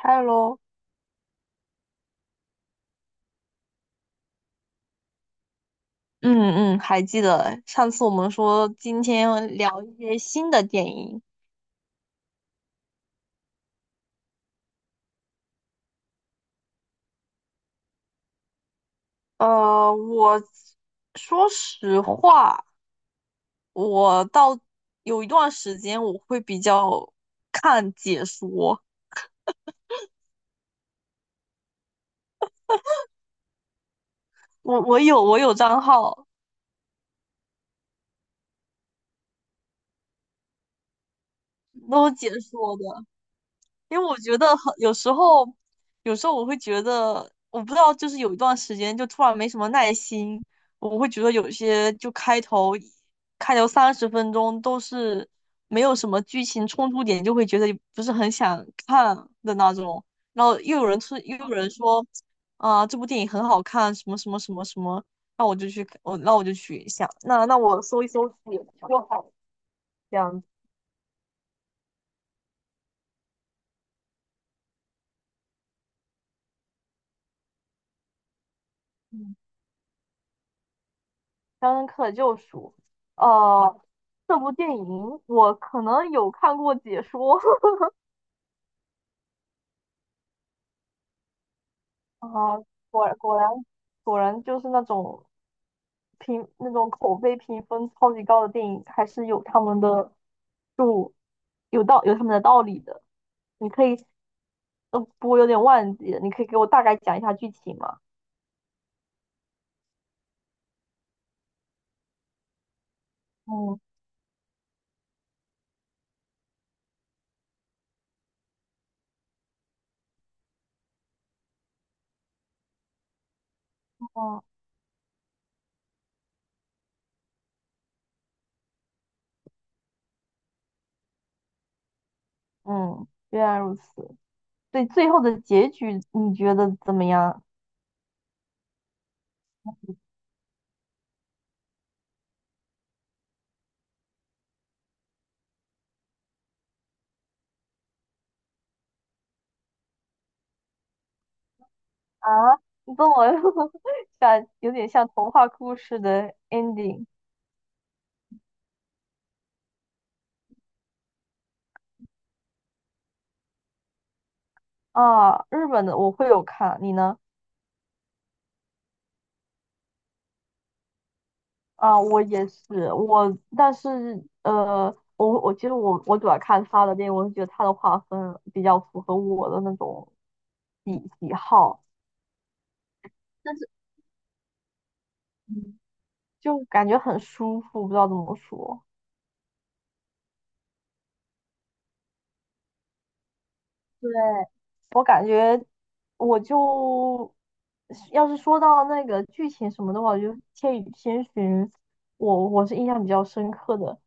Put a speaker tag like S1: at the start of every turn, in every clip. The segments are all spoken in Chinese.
S1: Hello。嗯，还记得上次我们说今天聊一些新的电影。呃，我说实话，我到有一段时间我会比较看解说，我有账号，都是解说的。因为我觉得很有时候，有时候我会觉得，我不知道，就是有一段时间就突然没什么耐心，我会觉得有些就开头30分钟都是没有什么剧情冲突点，就会觉得不是很想看的那种。然后又有人说，啊、这部电影很好看，什么什么什么什么，那我就去，我就去一下，那我搜一搜也就好，这样子。《肖申克的救赎》。呃，这部电影我可能有看过解说。啊，果果然果然就是那种那种口碑评分超级高的电影，还是有他们的就有他们的道理的。你可以，呃，不过有点忘记了，你可以给我大概讲一下剧情吗？嗯嗯。嗯，原来如此。对，最后的结局你觉得怎么样？啊，你跟我 像有点像童话故事的 ending。 啊。日本的我会有看，你呢？啊，我也是，但是我我其实我主要看他的电影，我是觉得他的画风比较符合我的那种喜喜好，但是嗯，就感觉很舒服，不知道怎么说。对。我。我就要是说到那个剧情什么的话，千与千寻》我是印象比较深刻的，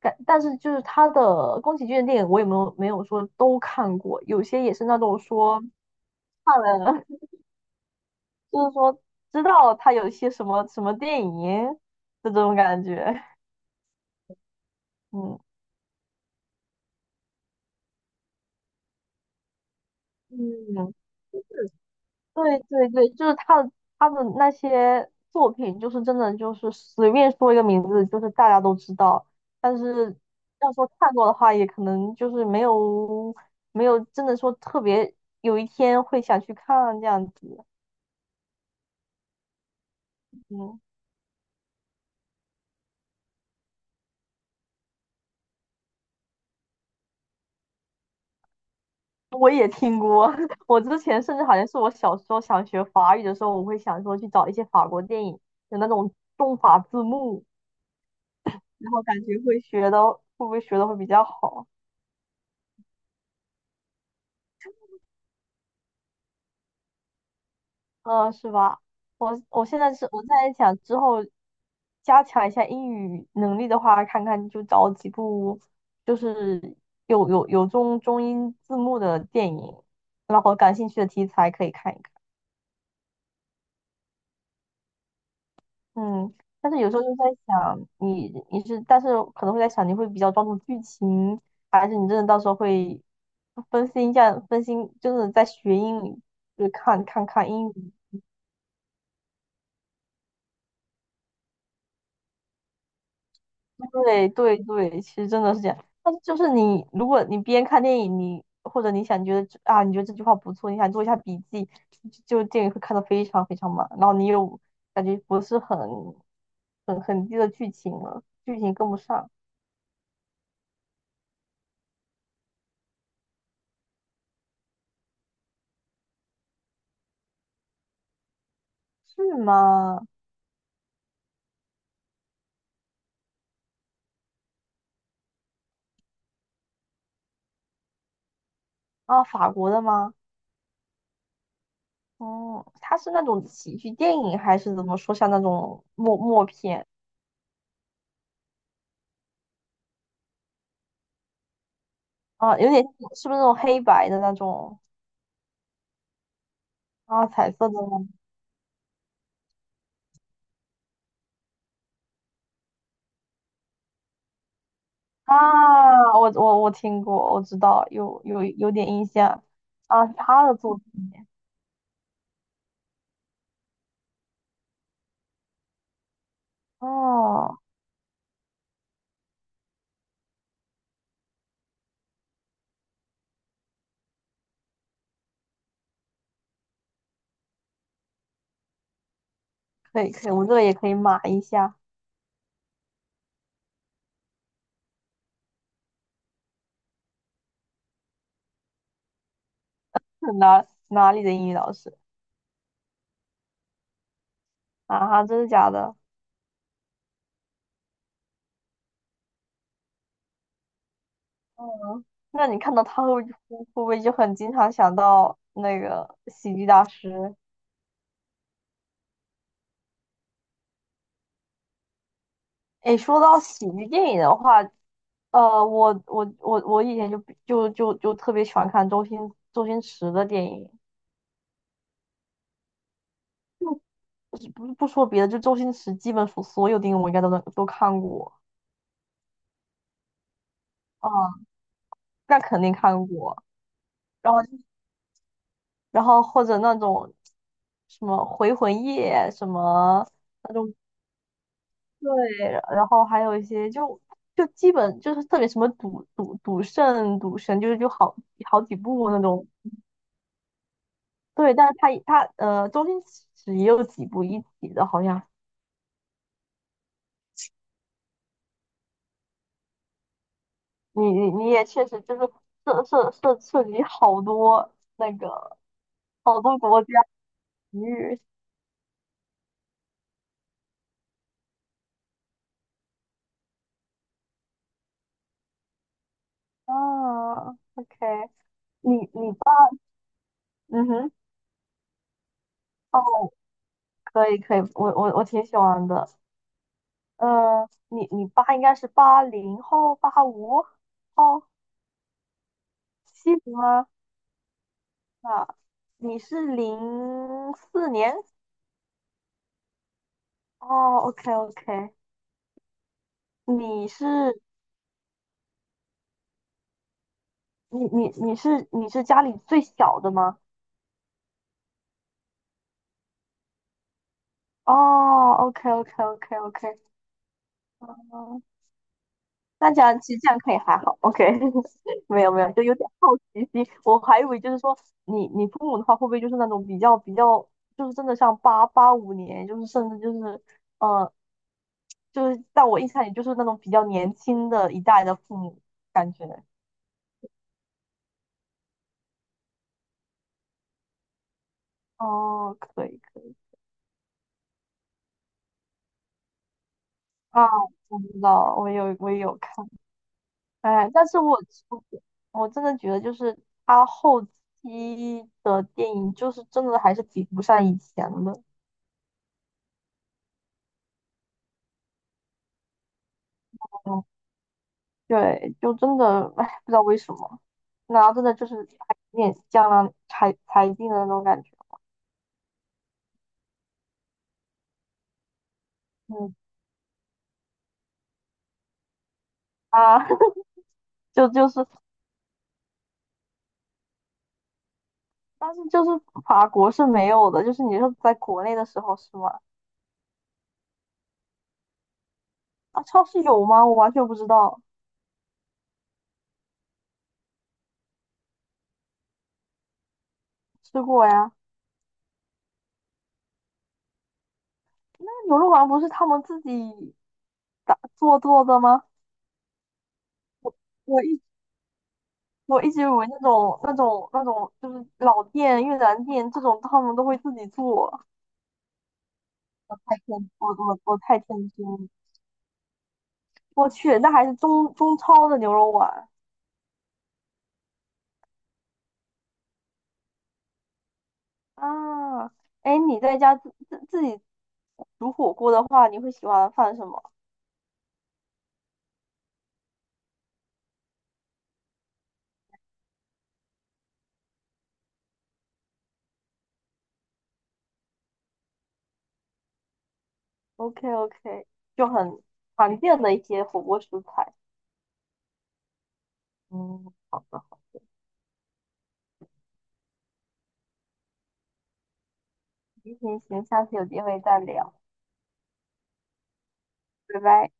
S1: 但是就是宫崎骏的电影我也没有说都看过，有些也是那种说看了就是说知道他有一些什么什么电影的这种感觉，嗯。嗯，对对对，就是他的那些作品，就是真的就是随便说一个名字，就是大家都知道。但是要说看过的话，也可能就是没有真的说特别有一天会想去看这样子。嗯，我也听过。我之前甚至好像是我小时候想学法语的时候，我会想说去找一些法国电影，有那种中法字幕，然后感觉会不会学的会比较好。嗯，是吧？我在想之后加强一下英语能力的话，看看就找几部就是有中英字幕的电影，然后感兴趣的题材可以看一看。嗯，但是有时候就在想，你你是，但是可能会在想，你会比较专注剧情，还是你真的到时候会分心一下，分心就是在学英语，就看英语。对对对，其实真的是这样。但是就是如果你边看电影，你或者你想觉得你觉得这句话不错，你想做一下笔记，就电影会看得非常非常慢，然后你又感觉不是很低的剧情了，剧情跟不上，是吗？啊，法国的吗？哦、它是那种喜剧电影还是怎么说？像那种默片啊，有点是不是那种黑白的那种啊，彩色的吗？啊，我听过，我知道，有点印象啊，是他的作品。哦，可以可以，我这个也可以码一下，是哪里的英语老师啊？真的假的？嗯，那你看到他会不会就很经常想到那个喜剧大师？诶，说到喜剧电影的话，呃，我以前就特别喜欢看周星驰的电影。不是是不说别的，就周星驰基本所有电影我应该都都看过，啊、那肯定看过。然后然后或者那种什么《回魂夜》什么那种，对，然后还有一些就基本就是特别什么赌圣、赌神，就是好好几部那种。对，但是他呃，周星驰也有几部一起的，好像你也确实就是涉及好多那个好多国家。鱼啊。 o k 你你爸，嗯哼。哦，可以可以，我挺喜欢的。呃，你你爸应该是八零后、八五后、七零吗？啊，你是零四年？哦OK OK，你是你你你是你是家里最小的吗？哦OK OK OK OK，那这样其实这样可以还好，OK。没有没有，就有点好奇心，我还以为就是说你你父母的话会不会就是那种比较就是真的像八五年，就是甚至就是呃就是在我印象里就是那种比较年轻的一代的父母感觉。哦，可以可以啊，我知道，我也有看。哎，但是我我真的觉得就是他后期的电影就是真的还是比不上以前的。对，就真的，哎，不知道为什么，然后真的就是还有点江郎才尽的那种感觉。嗯啊。就就是，但是就是法国是没有的，就是你说在国内的时候是吗？啊，超市有吗？我完全不知道，吃过呀。那牛肉丸不是他们自己做的吗？我一我一直以为那种就是越南店这种他们都会自己做，太天，我太天真了。我去，那还是中超的牛肉丸啊！哎，你在家自己煮火锅的话，你会喜欢放什么OK OK，就很常见的一些火锅食材。嗯，好的，好的。行，下次有机会再聊，拜拜。